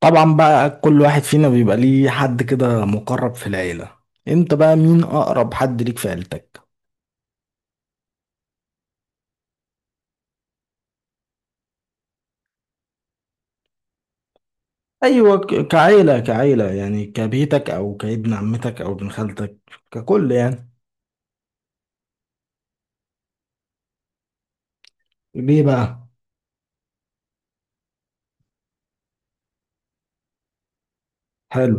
طبعا بقى كل واحد فينا بيبقى ليه حد كده مقرب في العيلة. انت بقى مين اقرب حد ليك في عيلتك؟ ايوه، كعيلة كعيلة يعني، كبيتك او كابن عمتك او ابن خالتك؟ ككل يعني. ليه بقى؟ حلو.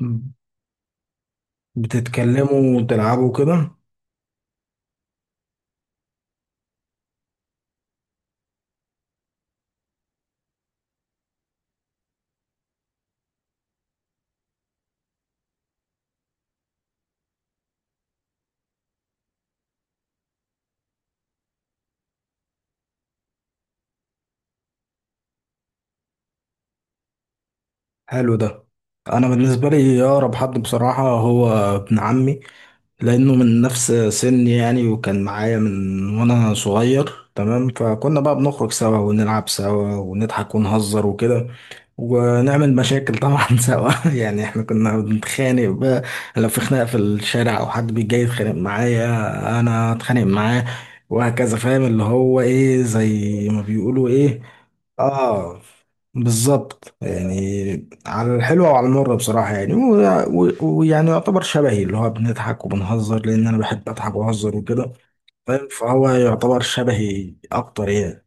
مم. بتتكلموا وتلعبوا كده؟ حلو ده. انا بالنسبة لي اقرب حد بصراحة هو ابن عمي. لانه من نفس سني يعني، وكان معايا من وانا صغير، تمام، فكنا بقى بنخرج سوا ونلعب سوا ونضحك ونهزر وكده، ونعمل مشاكل طبعا سوا، يعني احنا كنا بنتخانق بقى. لو في خناقه في الشارع او حد بيجي يتخانق معايا انا اتخانق معاه، وهكذا. فاهم اللي هو ايه زي ما بيقولوا ايه. اه، بالظبط يعني، على الحلوة وعلى المرة بصراحة، يعني و- و- ويعني يعتبر شبهي، اللي هو بنضحك وبنهزر لأن أنا بحب أضحك وأهزر وكده، فاهم، فهو يعتبر شبهي أكتر يعني.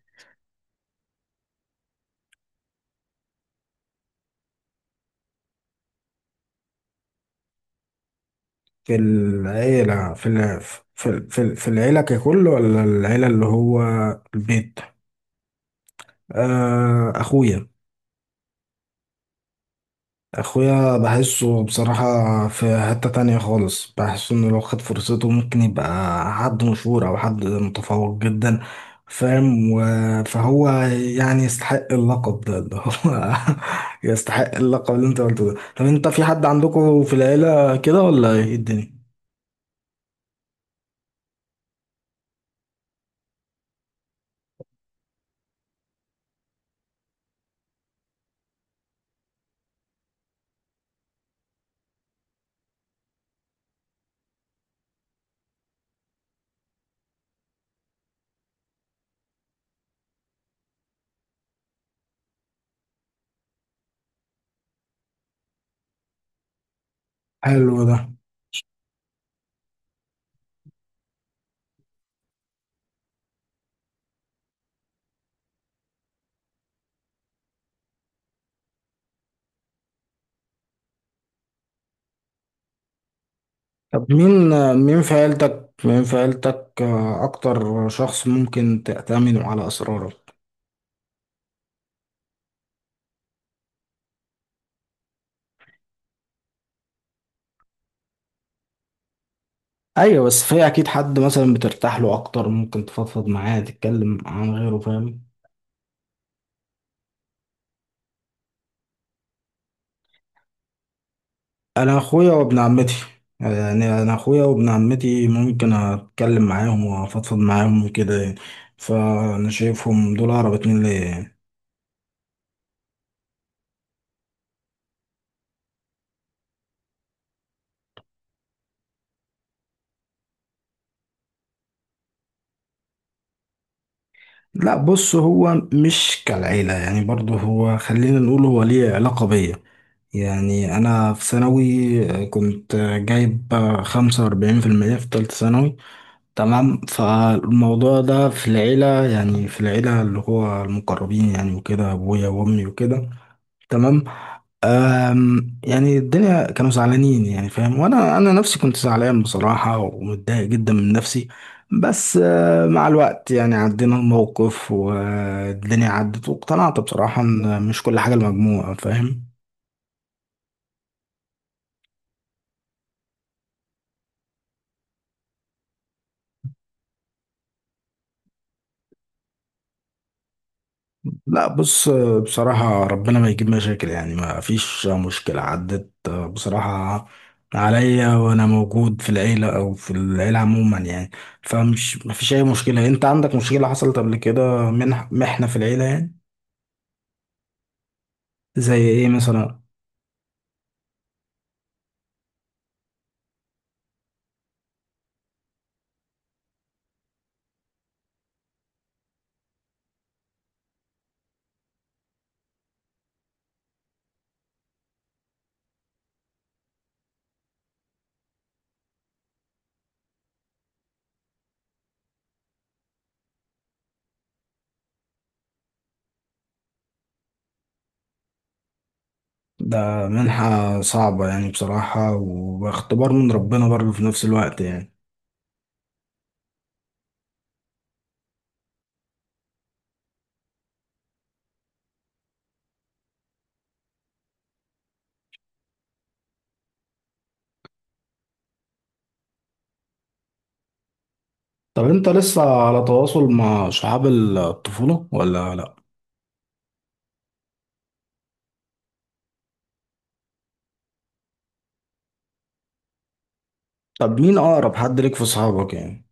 في العيلة، في العيلة ككل ولا العيلة اللي هو البيت؟ أخويا. اخويا بحسه بصراحة في حتة تانية خالص، بحسه انه لو خد فرصته ممكن يبقى حد مشهور او حد متفوق جدا، فاهم، فهو يعني يستحق اللقب ده اللي هو... يستحق اللقب اللي انت قلته ده. طب انت في حد عندكم في العيلة كده ولا ايه الدنيا؟ حلو ده. طب مين في عيلتك، اكتر شخص ممكن تأتمنه على اسراره؟ ايوه بس في اكيد حد مثلا بترتاح له اكتر، ممكن تفضفض معاه تتكلم عن غيره، فاهم؟ انا اخويا وابن عمتي، يعني انا اخويا وابن عمتي ممكن اتكلم معاهم وافضفض معاهم وكده يعني. فانا شايفهم دول اقرب اتنين ليا يعني. لا بص، هو مش كالعيلة يعني، برضه هو خلينا نقول هو ليه علاقة بيا. يعني أنا في ثانوي كنت جايب 45% في تالتة ثانوي، تمام، فالموضوع ده في العيلة يعني، في العيلة اللي هو المقربين يعني، وكده أبويا وأمي وكده، تمام. يعني الدنيا كانوا زعلانين يعني، فاهم، وأنا أنا نفسي كنت زعلان بصراحة ومتضايق جدا من نفسي. بس مع الوقت يعني عدينا الموقف والدنيا عدت واقتنعت بصراحة إن مش كل حاجة المجموعة، فاهم. لا بص، بصراحة ربنا ما يجيب مشاكل، يعني ما فيش مشكلة عدت بصراحة عليا وأنا موجود في العيلة، أو في العيلة عموما يعني. ما فيش أي مشكلة. أنت عندك مشكلة حصلت قبل كده، محنة في العيلة يعني؟ زي إيه مثلا؟ ده منحة صعبة يعني بصراحة، واختبار من ربنا برضه في نفس الوقت يعني. طب أنت لسه على تواصل مع صحاب الطفولة ولا لأ؟ طب مين أقرب حد ليك في صحابك يعني؟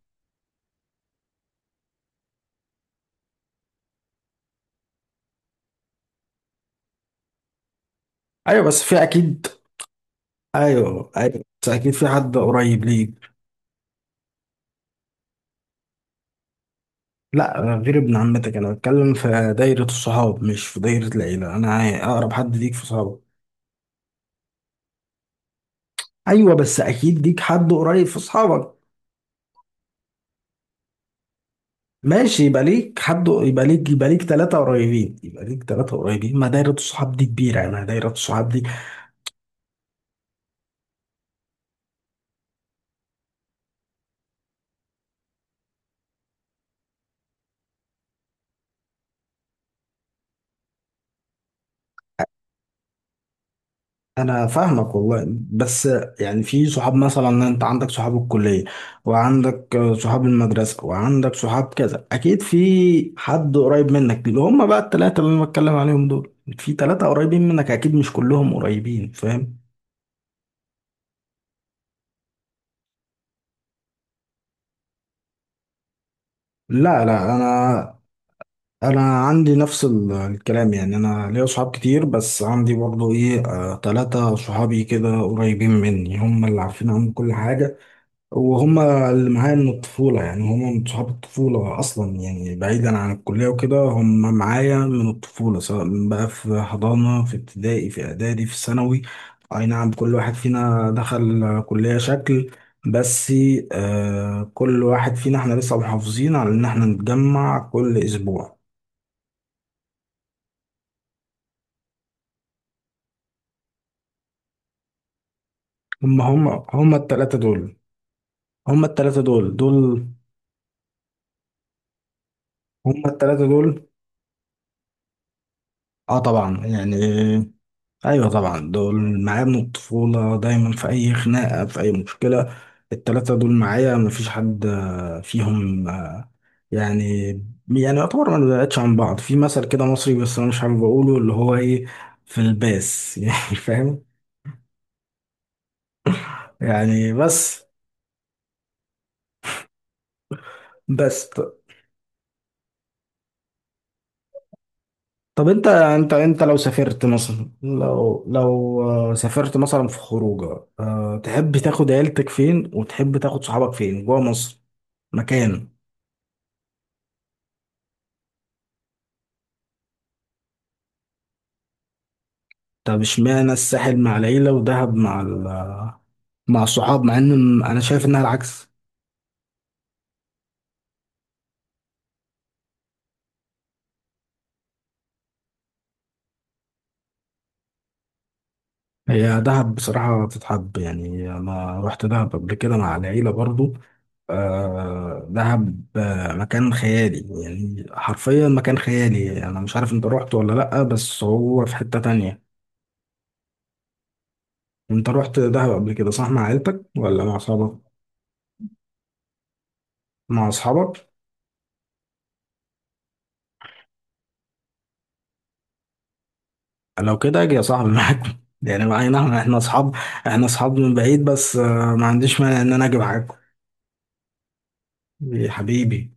ايوه بس في اكيد. ايوه ايوه بس اكيد في حد قريب ليك. لا غير ابن عمتك، انا بتكلم في دايره الصحاب مش في دايره العيله، انا اقرب حد ليك في صحابك. ايوه بس اكيد ليك حد قريب في صحابك. ماشي، يبقى ليك حد، يبقى ليك ثلاثه قريبين، يبقى ليك ثلاثه قريبين، ما دايره الصحاب دي كبيره، انا دايره الصحاب دي... انا فاهمك والله، بس يعني في صحاب مثلا، انت عندك صحاب الكليه وعندك صحاب المدرسه وعندك صحاب كذا، اكيد في حد قريب منك، اللي هم بقى الثلاثه اللي انا بتكلم عليهم دول. في ثلاثه قريبين منك اكيد، مش كلهم قريبين، فاهم. لا لا، انا انا عندي نفس الكلام يعني، انا ليا صحاب كتير بس عندي برضو ايه؟ ثلاثه صحابي كده قريبين مني، هم اللي عارفين عنهم كل حاجه، وهما اللي معايا من الطفولة يعني، هما من صحاب الطفولة أصلا يعني، بعيدا عن الكلية وكده، هما معايا من الطفولة سواء من بقى في حضانة، في ابتدائي، في إعدادي، في ثانوي. أي نعم، كل واحد فينا دخل كلية شكل، بس كل واحد فينا احنا لسه محافظين على إن احنا نتجمع كل أسبوع. هما التلاتة دول، هما التلاتة دول، هما التلاتة دول. اه طبعا يعني، ايوه طبعا، دول معايا من الطفوله، دايما في اي خناقه في اي مشكله التلاته دول معايا، مفيش حد فيهم يعني يعني يعتبر ما نبعدش عن بعض. في مثل كده مصري بس انا مش حابب اقوله، اللي هو ايه، في الباس يعني فاهم؟ يعني بس، بس ط- طب انت لو سافرت مثلا، لو سافرت مثلا في خروجه، تحب تاخد عيلتك فين وتحب تاخد صحابك فين جوه مصر؟ مكان. طب اشمعنى الساحل مع العيلة ودهب مع الصحاب، مع ان انا شايف انها العكس. هي دهب بصراحة بتتحب، يعني انا رحت دهب قبل كده مع العيلة برضو. دهب، مكان خيالي، يعني حرفيا مكان خيالي، انا مش عارف انت رحت ولا لأ، بس هو في حتة تانية. انت رحت دهب قبل كده صح؟ مع عيلتك ولا مع اصحابك؟ مع اصحابك. لو كده اجي يا صاحبي معاك يعني معانا، احنا اصحاب، احنا اصحاب من بعيد، بس ما عنديش مانع ان انا اجي معاكم. يا حبيبي.